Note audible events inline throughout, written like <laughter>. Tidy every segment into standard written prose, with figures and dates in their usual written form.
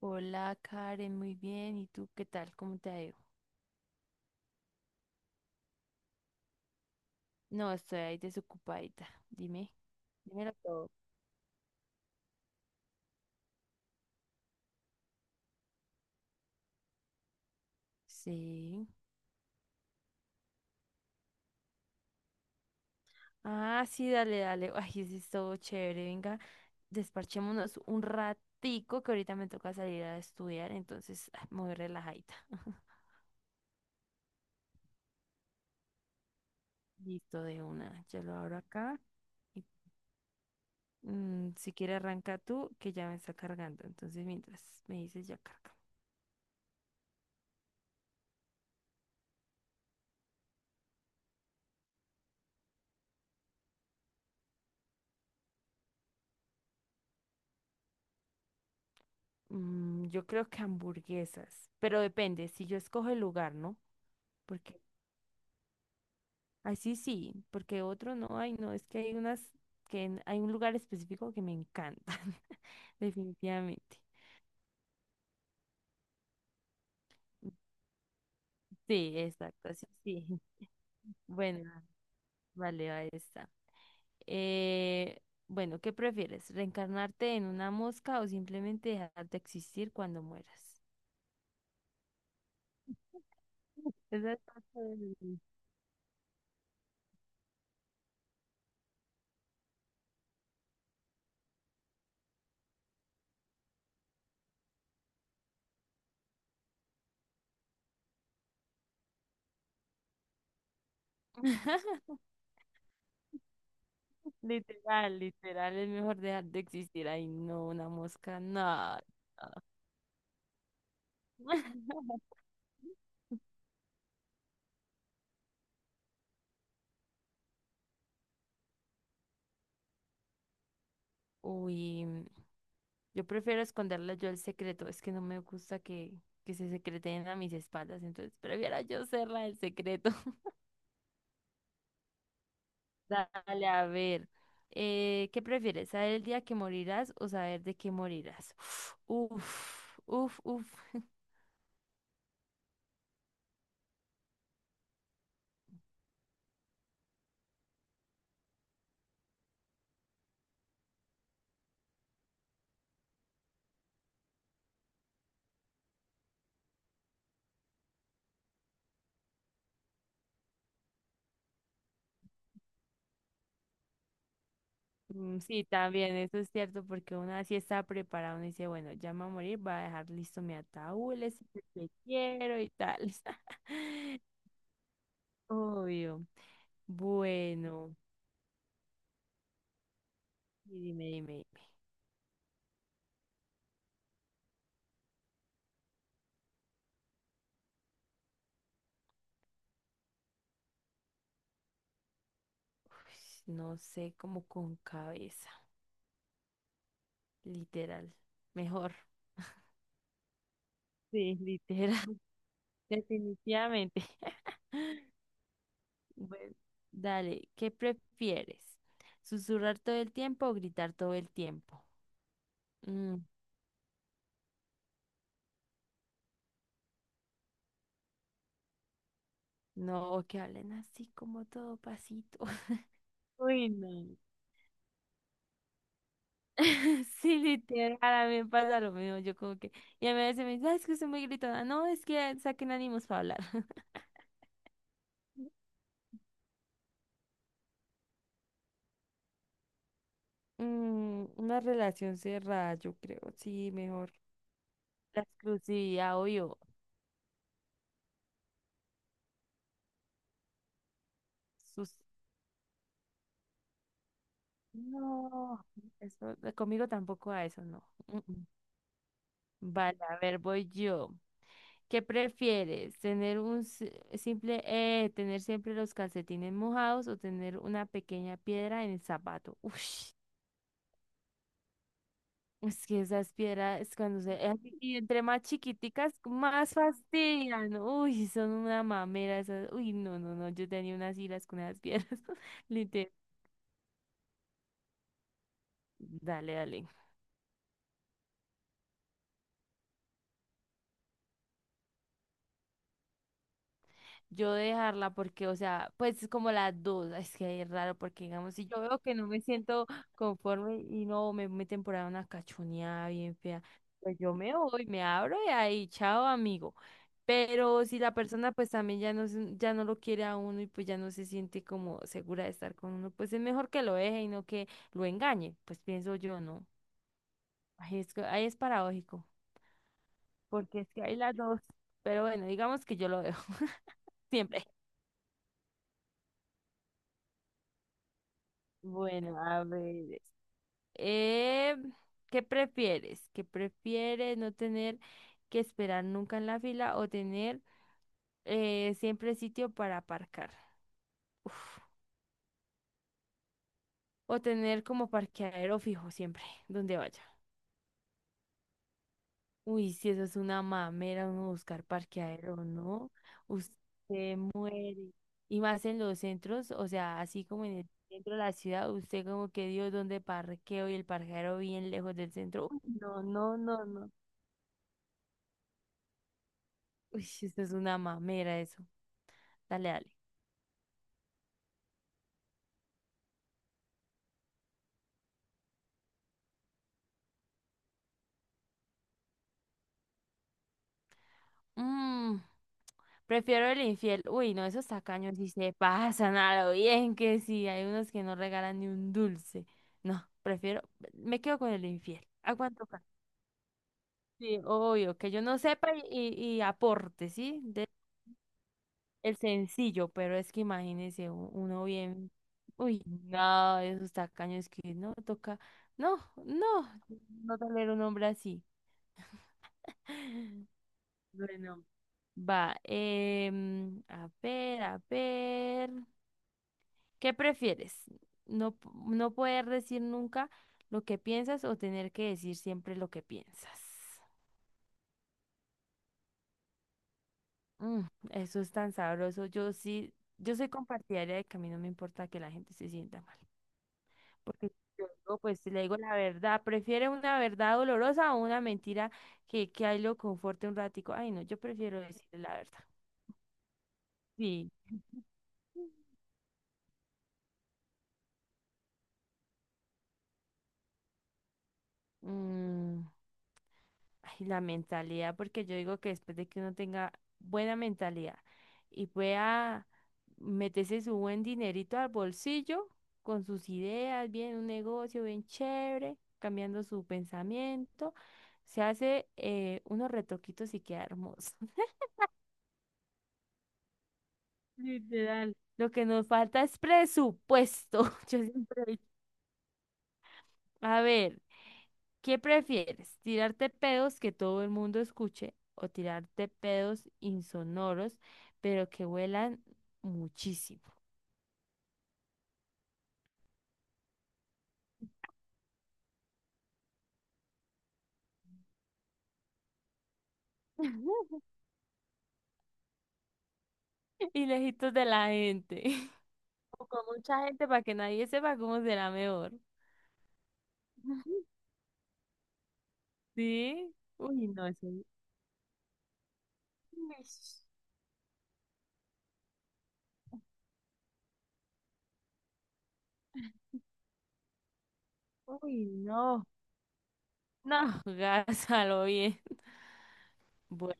Hola Karen, muy bien. ¿Y tú qué tal? ¿Cómo te ha ido? No, estoy ahí desocupadita. Dime, dímelo todo. Sí. Ah, sí, dale, dale. <laughs> Ay, sí, es todo chévere. Venga, desparchémonos un ratico que ahorita me toca salir a estudiar, entonces muy relajadita. <laughs> Listo de una, ya lo abro acá. Y si quieres arranca tú, que ya me está cargando. Entonces, mientras me dices, ya carga. Mm, yo creo que hamburguesas, pero depende, si yo escojo el lugar, ¿no? Porque así sí, sí, porque otro no, hay no, es que hay unas hay un lugar específico que me encantan, <laughs> definitivamente. Sí, exacto, así sí. <laughs> Bueno, vale, ahí está. Eh, bueno, ¿qué prefieres? ¿Reencarnarte en una mosca o simplemente dejar de existir cuando mueras? Esa está chévere. <laughs> Literal, literal, es mejor dejar de existir. Ay, no, una mosca, no. <laughs> Uy. Yo prefiero esconderle yo el secreto, es que no me gusta que se secreten a mis espaldas, entonces prefiero yo ser la del secreto. <laughs> Dale, a ver. ¿Qué prefieres? ¿Saber el día que morirás o saber de qué morirás? Uf, uf, uf. <laughs> Mm, sí, también, eso es cierto, porque uno así está preparado, uno dice, bueno, ya me voy a morir, voy a dejar listo mi ataúd, el sitio que quiero y tal. <laughs> Obvio. Bueno, y dime, dime. Ush, no sé, como con cabeza, literal. Mejor, sí, literal, <laughs> definitivamente. <laughs> Bueno. Dale, ¿qué prefieres? ¿Susurrar todo el tiempo o gritar todo el tiempo? Mm, no, que hablen así como todo pasito. <laughs> Uy, no. <laughs> Sí, literal, a mí me pasa lo mismo. Yo como que, y a veces me dicen, "Ah, es que soy muy gritona. No, es que saquen ánimos para hablar. <laughs> Mm, una relación cerrada, yo creo. Sí, mejor. La exclusividad, obvio. Sus... No, eso, conmigo tampoco a eso, no. Mm, mm. Vale, a ver, voy yo. ¿Qué prefieres? ¿Tener un simple, tener siempre los calcetines mojados o tener una pequeña piedra en el zapato? Ush, es que esas piedras y entre más chiquiticas, más fastidian. Uy, son una mamera esas. Uy, no, no, no. Yo tenía unas iras con esas piedras. <laughs> Literal. Dale, dale. Yo dejarla porque, o sea, pues es como las dos, es que es raro porque, digamos, si yo veo que no me siento conforme y no me meten por ahí una cachoneada bien fea, pues yo me voy, me abro y ahí, chao amigo. Pero si la persona pues también ya ya no lo quiere a uno y pues ya no se siente como segura de estar con uno, pues es mejor que lo deje y no que lo engañe, pues pienso yo, ¿no? Ahí es, ahí es paradójico, porque es que hay las dos, pero bueno, digamos que yo lo dejo <laughs> siempre. Bueno, a ver. Eh, ¿Qué prefieres? ¿Qué prefieres no tener que esperar nunca en la fila o tener siempre sitio para aparcar? Uf. O tener como parqueadero fijo siempre, donde vaya. Uy, si eso es una mamera, uno buscar parqueadero, ¿no? Usted muere. Y más en los centros, o sea, así como en el centro de la ciudad, usted como que Dios, ¿dónde parqueo? Y el parqueadero bien lejos del centro. Uy, no, no, no, no. Uy, eso es una mamera eso. Dale, dale. Mm, prefiero el infiel. Uy, no, esos tacaños sí se pasan a lo bien que sí. Hay unos que no regalan ni un dulce. No, prefiero, me quedo con el infiel. Aguanto acá. Sí, obvio, que yo no sepa y aporte, ¿sí? El sencillo, pero es que imagínese uno bien. Uy, no, esos tacaños que no toca. No, no, no tolero un hombre así. <gasps> <sighs> Bueno. Va, a ver, a ver. ¿Qué prefieres? No, no poder decir nunca lo que piensas o tener que decir siempre lo que piensas. Mm, eso es tan sabroso. Yo sí, yo soy compartidaria de que a mí no me importa que la gente se sienta mal. Porque yo digo, pues si le digo la verdad, prefiere una verdad dolorosa o una mentira que ahí lo conforte un ratico. Ay, no, yo prefiero decir la verdad. Sí. Mm, ay, la mentalidad, porque yo digo que después de que uno tenga buena mentalidad y pueda meterse su buen dinerito al bolsillo con sus ideas, bien un negocio bien chévere, cambiando su pensamiento, se hace unos retoquitos y queda hermoso. <laughs> Literal. Lo que nos falta es presupuesto. <laughs> Yo siempre he dicho, a ver. ¿Qué prefieres? ¿Tirarte pedos que todo el mundo escuche o tirarte pedos insonoros, pero que huelan muchísimo <laughs> y lejitos de la gente? <laughs> O con mucha gente para que nadie sepa cómo será mejor. <laughs> ¿Sí? Uy, no, eso... Ish. Uy, no. No, <laughs> gásalo bien. Bueno,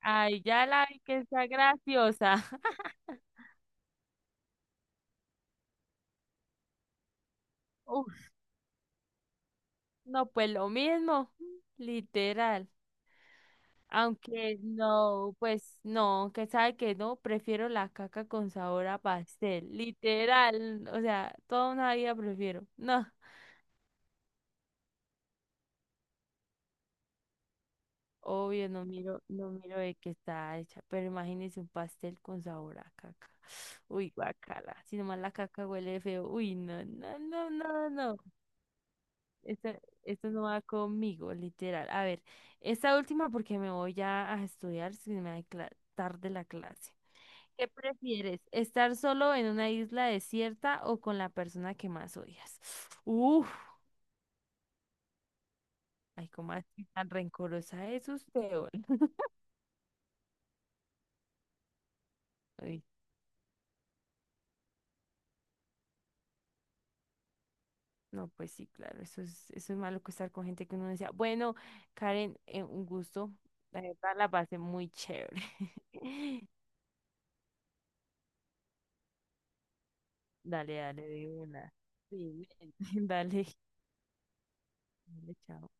ay, ya la vi que está graciosa. <laughs> Uf, no, pues lo mismo, literal. Aunque no, pues no, que sabe que no, prefiero la caca con sabor a pastel, literal, o sea, toda una vida prefiero. No, obvio, no miro, no miro de qué está hecha, pero imagínese un pastel con sabor a caca. Uy, guacala, si nomás la caca huele feo, uy, no, no, no, no, no, esto, esto no va conmigo, literal. A ver, esta última porque me voy ya a estudiar, si me va a tarde la clase. ¿Qué prefieres? ¿Estar solo en una isla desierta o con la persona que más odias? Uf, ay, cómo así tan rencorosa es usted hoy. <laughs> Ay, no, pues sí, claro, eso es malo que estar con gente que uno decía, bueno, Karen, un gusto. La verdad la pasé muy chévere. <laughs> Dale, dale, de una. Sí, <laughs> dale, dale, chao.